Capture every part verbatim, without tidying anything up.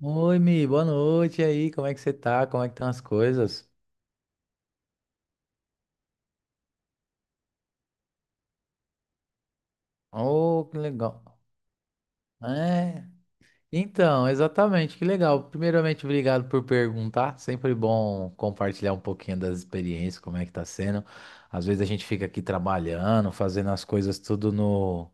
Oi, Mi, boa noite. E aí, como é que você tá? Como é que estão as coisas? Oh, que legal. É, Então, exatamente, que legal. Primeiramente, obrigado por perguntar. Sempre bom compartilhar um pouquinho das experiências, como é que tá sendo. Às vezes a gente fica aqui trabalhando, fazendo as coisas tudo no,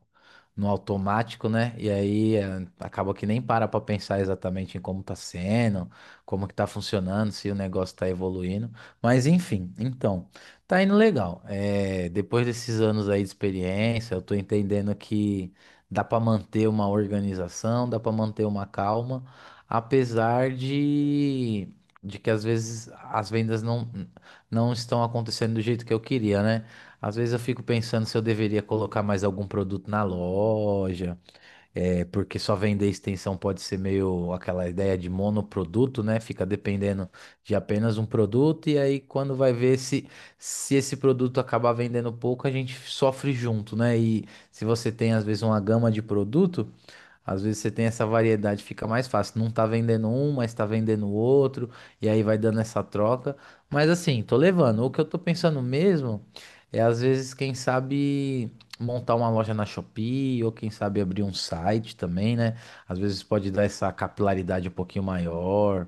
no automático, né? E aí eh, acaba que nem para para pensar exatamente em como tá sendo, como que tá funcionando, se o negócio tá evoluindo. Mas enfim, então, tá indo legal. Eh, depois desses anos aí de experiência, eu tô entendendo que. Dá para manter uma organização, dá para manter uma calma, apesar de, de que às vezes as vendas não, não estão acontecendo do jeito que eu queria, né? Às vezes eu fico pensando se eu deveria colocar mais algum produto na loja. É, porque só vender extensão pode ser meio aquela ideia de monoproduto, né? Fica dependendo de apenas um produto, e aí quando vai ver se, se esse produto acabar vendendo pouco, a gente sofre junto, né? E se você tem às vezes uma gama de produto. Às vezes você tem essa variedade, fica mais fácil. Não tá vendendo um, mas tá vendendo outro, e aí vai dando essa troca. Mas assim, tô levando. O que eu tô pensando mesmo é, às vezes, quem sabe montar uma loja na Shopee, ou quem sabe abrir um site também, né? Às vezes pode dar essa capilaridade um pouquinho maior.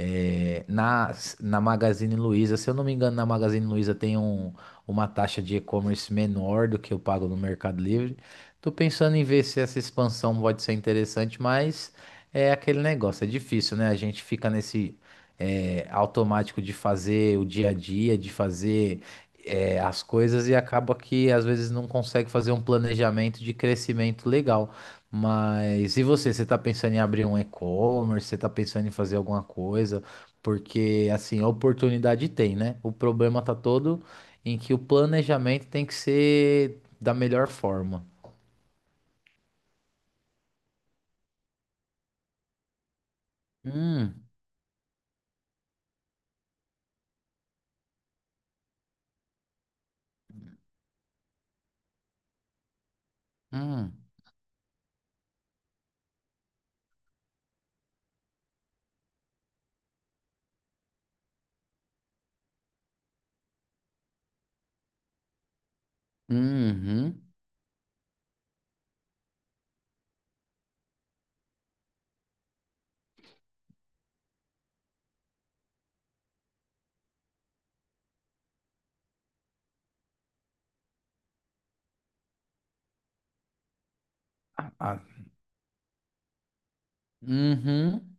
É, na, na Magazine Luiza, se eu não me engano, na Magazine Luiza tem um, uma taxa de e-commerce menor do que eu pago no Mercado Livre. Tô pensando em ver se essa expansão pode ser interessante, mas é aquele negócio, é difícil, né? A gente fica nesse é, automático de fazer o dia a dia, de fazer é, as coisas e acaba que às vezes não consegue fazer um planejamento de crescimento legal. Mas e você? Você tá pensando em abrir um e-commerce? Você tá pensando em fazer alguma coisa? Porque assim, a oportunidade tem, né? O problema tá todo em que o planejamento tem que ser da melhor forma. Hum, hum, uhum, Ah, uhum.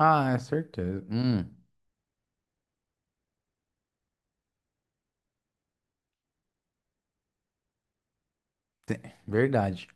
Ah, é certeza. Hum, te- verdade.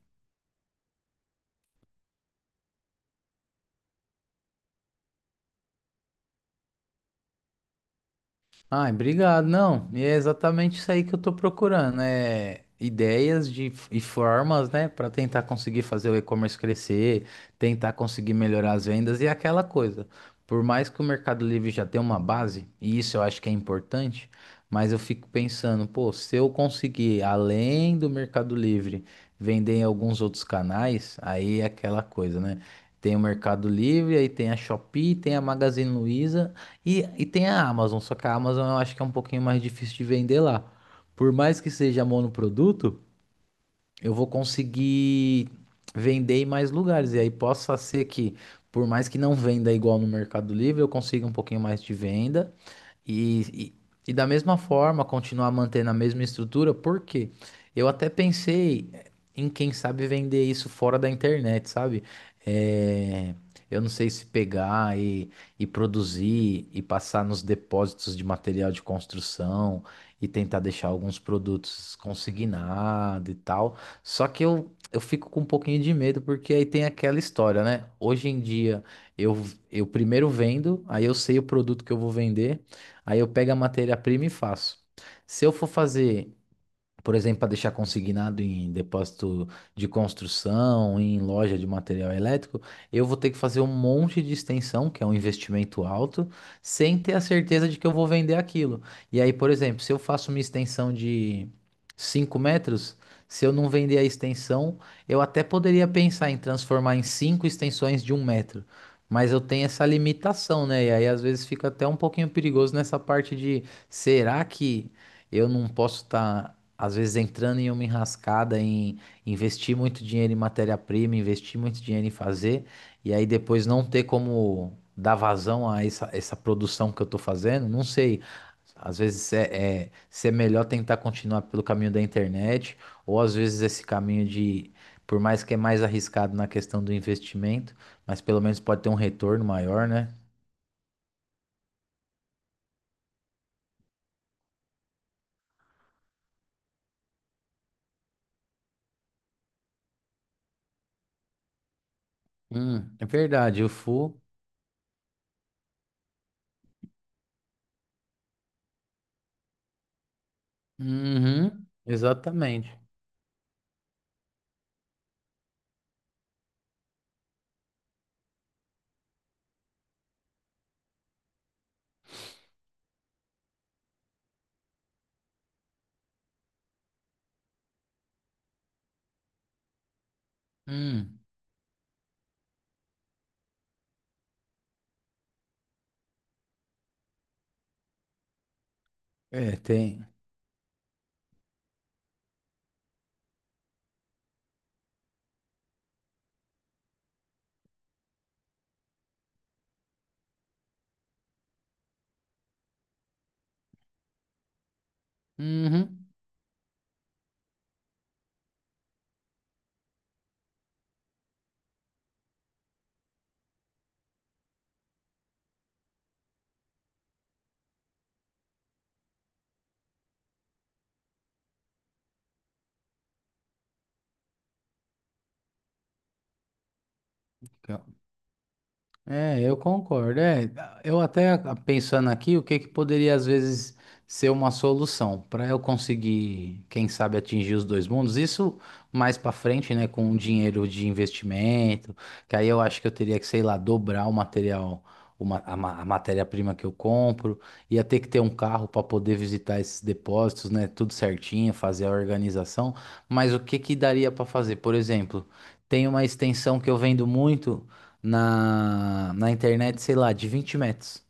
Ai, obrigado. Não, e é exatamente isso aí que eu tô procurando, é ideias de, e formas, né, para tentar conseguir fazer o e-commerce crescer, tentar conseguir melhorar as vendas e aquela coisa. Por mais que o Mercado Livre já tenha uma base, e isso eu acho que é importante, mas eu fico pensando, pô, se eu conseguir, além do Mercado Livre, vender em alguns outros canais, aí é aquela coisa, né? Tem o Mercado Livre, aí tem a Shopee, tem a Magazine Luiza e, e tem a Amazon, só que a Amazon eu acho que é um pouquinho mais difícil de vender lá. Por mais que seja monoproduto, eu vou conseguir vender em mais lugares. E aí possa ser que, por mais que não venda igual no Mercado Livre, eu consiga um pouquinho mais de venda. E, e, e da mesma forma, continuar mantendo a mesma estrutura, por quê? Eu até pensei em quem sabe vender isso fora da internet, sabe? É, eu não sei se pegar e, e produzir e passar nos depósitos de material de construção e tentar deixar alguns produtos consignados e tal. Só que eu, eu fico com um pouquinho de medo, porque aí tem aquela história, né? Hoje em dia eu, eu primeiro vendo, aí eu sei o produto que eu vou vender. Aí eu pego a matéria-prima e faço. Se eu for fazer por exemplo, para deixar consignado em depósito de construção, em loja de material elétrico, eu vou ter que fazer um monte de extensão, que é um investimento alto, sem ter a certeza de que eu vou vender aquilo. E aí, por exemplo, se eu faço uma extensão de cinco metros, se eu não vender a extensão, eu até poderia pensar em transformar em cinco extensões de um metro. Mas eu tenho essa limitação, né? E aí às vezes fica até um pouquinho perigoso nessa parte de será que eu não posso estar às vezes entrando em uma enrascada em investir muito dinheiro em matéria-prima, investir muito dinheiro em fazer, e aí depois não ter como dar vazão a essa, essa produção que eu tô fazendo, não sei. Às vezes é, é, se é melhor tentar continuar pelo caminho da internet, ou às vezes esse caminho de, por mais que é mais arriscado na questão do investimento, mas pelo menos pode ter um retorno maior, né? Hum, é verdade, o full. Uhum, exatamente. Hum, é, tem. Uhum. Que- É, eu concordo. É, eu até pensando aqui, o que que poderia às vezes ser uma solução para eu conseguir, quem sabe, atingir os dois mundos? Isso mais para frente, né, com o dinheiro de investimento, que aí eu acho que eu teria que, sei lá, dobrar o material, uma, a, ma- a matéria-prima que eu compro, ia ter que ter um carro para poder visitar esses depósitos, né, tudo certinho, fazer a organização. Mas o que que daria para fazer? Por exemplo, tem uma extensão que eu vendo muito na, na internet, sei lá, de vinte metros.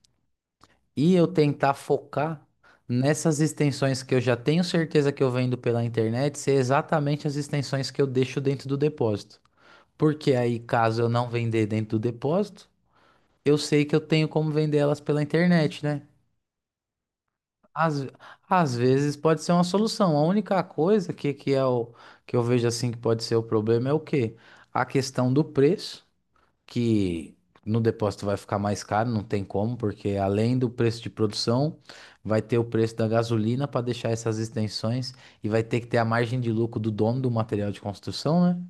E eu tentar focar nessas extensões que eu já tenho certeza que eu vendo pela internet ser exatamente as extensões que eu deixo dentro do depósito. Porque aí, caso eu não vender dentro do depósito, eu sei que eu tenho como vender elas pela internet, né? Às, às vezes pode ser uma solução. A única coisa que, que é o que eu vejo assim que pode ser o problema é o quê? A questão do preço que no depósito vai ficar mais caro, não tem como, porque além do preço de produção, vai ter o preço da gasolina para deixar essas extensões e vai ter que ter a margem de lucro do dono do material de construção, né?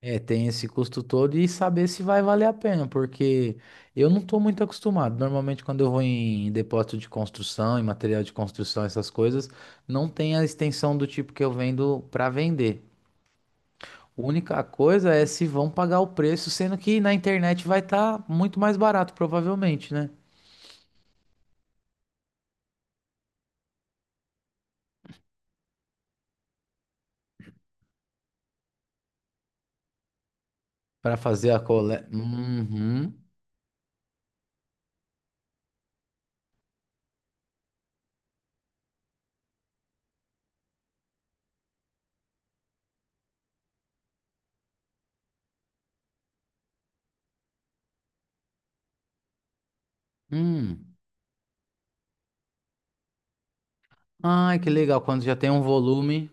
É, tem esse custo todo e saber se vai valer a pena, porque eu não estou muito acostumado. Normalmente, quando eu vou em depósito de construção, em material de construção, essas coisas, não tem a extensão do tipo que eu vendo para vender. Única coisa é se vão pagar o preço, sendo que na internet vai estar muito mais barato, provavelmente, né? Para fazer a coleta. Uhum. Hum. Ai, que legal, quando já tem um volume.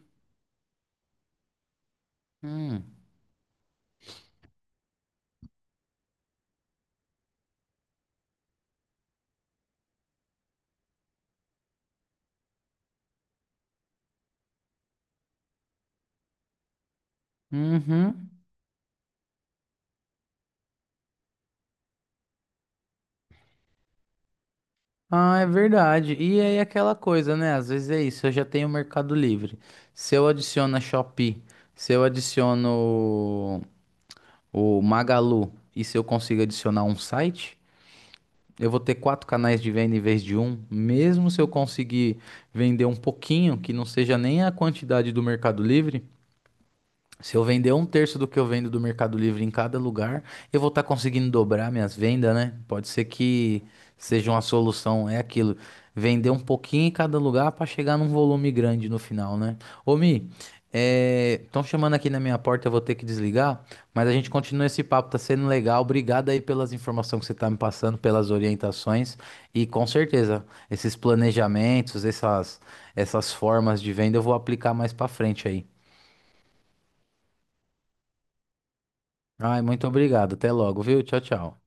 Hum. Uhum. Ah, é verdade. E aí aquela coisa, né? Às vezes é isso, eu já tenho o Mercado Livre. Se eu adiciono a Shopee, se eu adiciono o o Magalu, e se eu consigo adicionar um site, eu vou ter quatro canais de venda em vez de um, mesmo se eu conseguir vender um pouquinho, que não seja nem a quantidade do Mercado Livre, se eu vender um terço do que eu vendo do Mercado Livre em cada lugar, eu vou estar conseguindo dobrar minhas vendas, né? Pode ser que seja uma solução, é aquilo. Vender um pouquinho em cada lugar para chegar num volume grande no final, né? Ô, Mi, estão chamando aqui na minha porta, eu vou ter que desligar, mas a gente continua esse papo, tá sendo legal. Obrigado aí pelas informações que você tá me passando, pelas orientações e com certeza esses planejamentos, essas, essas formas de venda eu vou aplicar mais para frente aí. Ai, muito obrigado. Até logo, viu? Tchau, tchau.